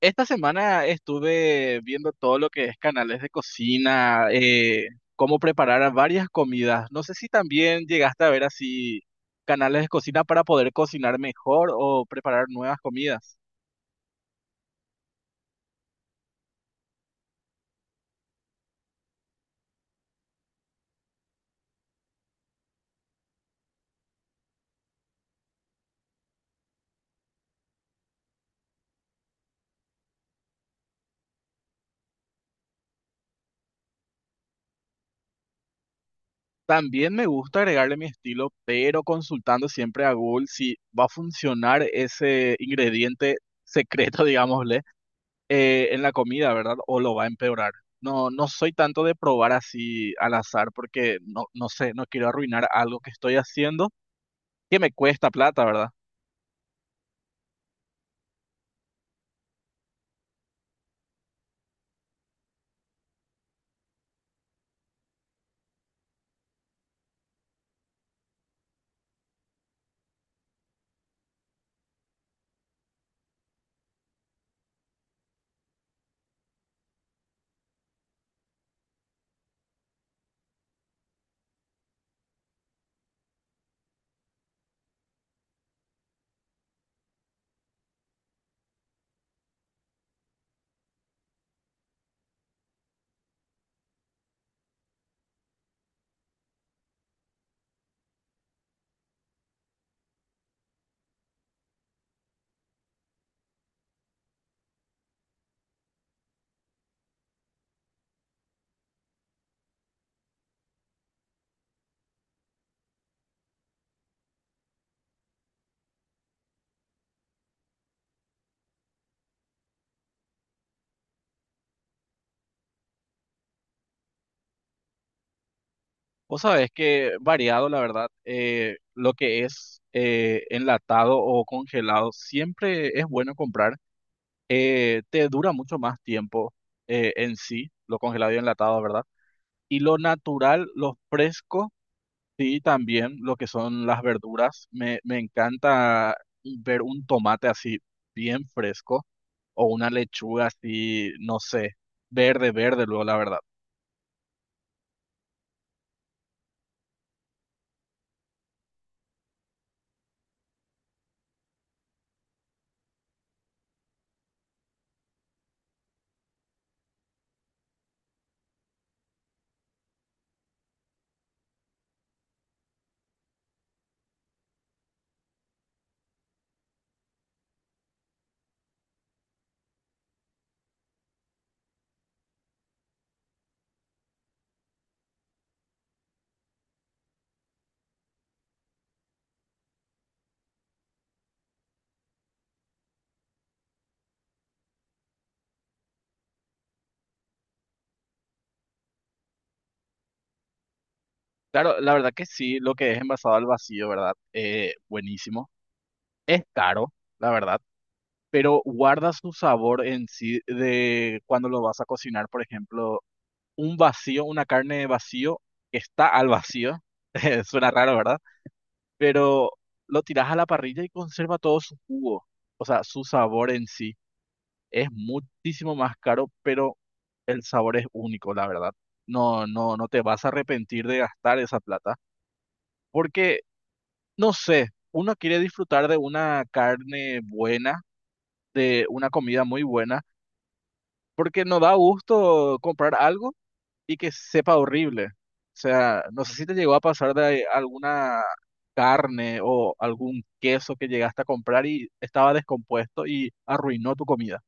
Esta semana estuve viendo todo lo que es canales de cocina, cómo preparar a varias comidas. No sé si también llegaste a ver así canales de cocina para poder cocinar mejor o preparar nuevas comidas. También me gusta agregarle mi estilo, pero consultando siempre a Google si va a funcionar ese ingrediente secreto, digámosle. En la comida, ¿verdad? O lo va a empeorar. No, soy tanto de probar así al azar porque no sé, no quiero arruinar algo que estoy haciendo que me cuesta plata, ¿verdad? Vos sabés que variado, la verdad, lo que es enlatado o congelado siempre es bueno comprar. Te dura mucho más tiempo en sí, lo congelado y enlatado, ¿verdad? Y lo natural, lo fresco. Sí, también lo que son las verduras. Me encanta ver un tomate así bien fresco o una lechuga así, no sé, verde, verde luego, la verdad. Claro, la verdad que sí, lo que es envasado al vacío, ¿verdad? Buenísimo. Es caro, la verdad, pero guarda su sabor en sí de cuando lo vas a cocinar, por ejemplo, un vacío, una carne de vacío que está al vacío. Suena raro, ¿verdad? Pero lo tiras a la parrilla y conserva todo su jugo, o sea, su sabor en sí. Es muchísimo más caro, pero el sabor es único, la verdad. No, no, no te vas a arrepentir de gastar esa plata, porque, no sé, uno quiere disfrutar de una carne buena, de una comida muy buena, porque no da gusto comprar algo y que sepa horrible. O sea, no sé si te llegó a pasar de alguna carne o algún queso que llegaste a comprar y estaba descompuesto y arruinó tu comida.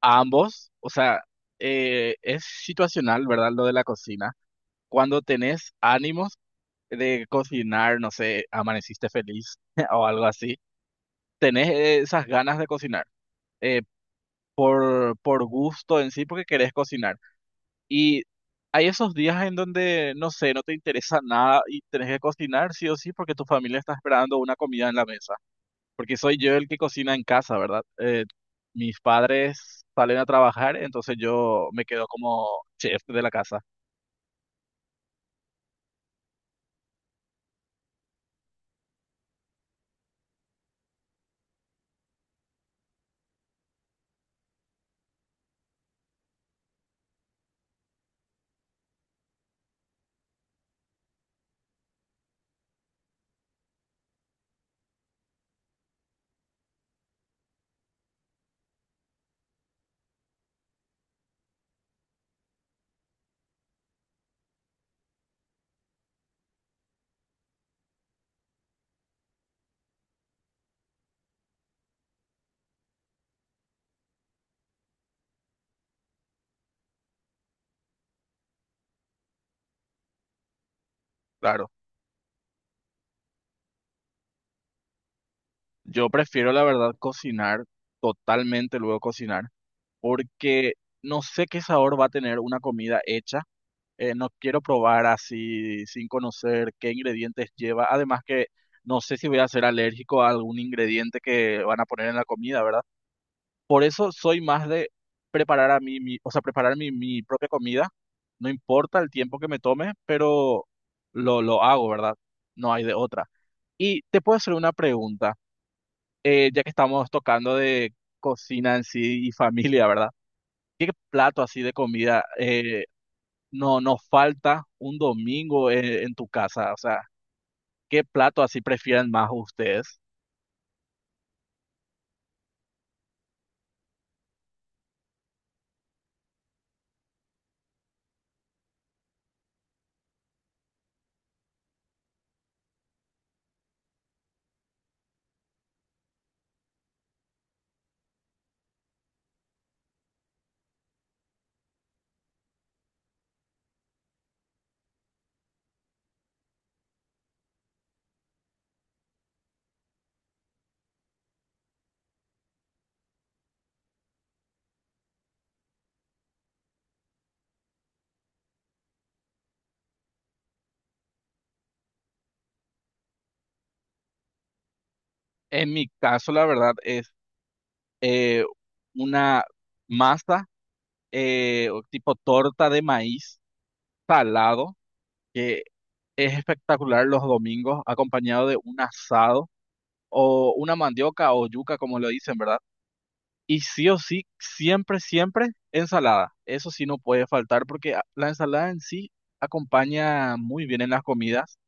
A ambos, o sea, es situacional, ¿verdad? Lo de la cocina. Cuando tenés ánimos de cocinar, no sé, amaneciste feliz o algo así, tenés esas ganas de cocinar eh, por gusto en sí, porque querés cocinar. Y hay esos días en donde, no sé, no te interesa nada y tenés que cocinar sí o sí porque tu familia está esperando una comida en la mesa. Porque soy yo el que cocina en casa, ¿verdad? Mis padres salen a trabajar, entonces yo me quedo como chef de la casa, claro. Yo prefiero, la verdad, cocinar, totalmente luego cocinar, porque no sé qué sabor va a tener una comida hecha. No quiero probar así sin conocer qué ingredientes lleva. Además que no sé si voy a ser alérgico a algún ingrediente que van a poner en la comida, ¿verdad? Por eso soy más de preparar a o sea, preparar mi propia comida. No importa el tiempo que me tome, pero lo hago, ¿verdad? No hay de otra. Y te puedo hacer una pregunta, ya que estamos tocando de cocina en sí y familia, ¿verdad? ¿Qué plato así de comida no falta un domingo en tu casa? O sea, ¿qué plato así prefieren más ustedes? En mi caso, la verdad, es eh, una masa, o tipo torta de maíz salado, que es espectacular los domingos, acompañado de un asado o una mandioca o yuca, como lo dicen, ¿verdad? Y sí o sí, siempre, siempre ensalada. Eso sí no puede faltar porque la ensalada en sí acompaña muy bien en las comidas.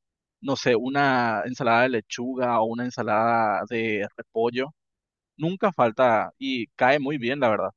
No sé, una ensalada de lechuga o una ensalada de repollo. Nunca falta y cae muy bien, la verdad.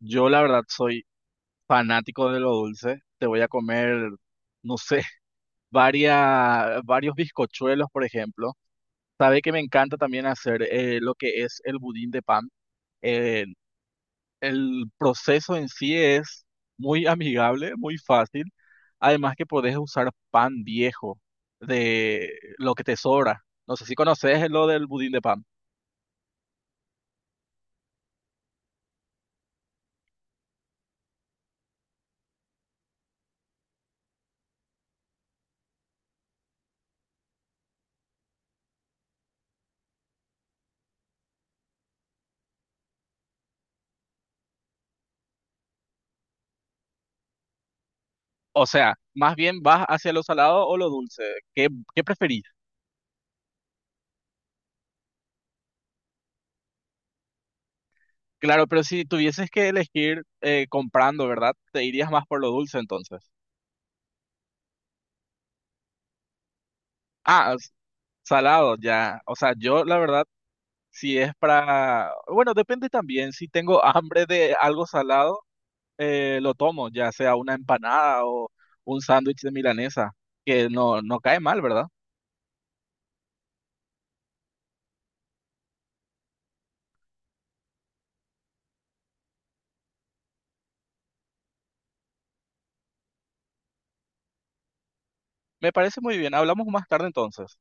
Yo, la verdad, soy fanático de lo dulce. Te voy a comer, no sé, varios bizcochuelos, por ejemplo. Sabe que me encanta también hacer lo que es el budín de pan. Eh, El proceso en sí es muy amigable, muy fácil. Además que podés usar pan viejo de lo que te sobra. No sé si conoces lo del budín de pan. O sea, más bien vas hacia lo salado o lo dulce. ¿Qué, ¿qué preferís? Claro, pero si tuvieses que elegir, comprando, ¿verdad? Te irías más por lo dulce entonces. Ah, salado, ya. O sea, yo la verdad, si es para... Bueno, depende también. Si tengo hambre de algo salado, lo tomo, ya sea una empanada o un sándwich de milanesa, que no cae mal, ¿verdad? Me parece muy bien. Hablamos más tarde entonces.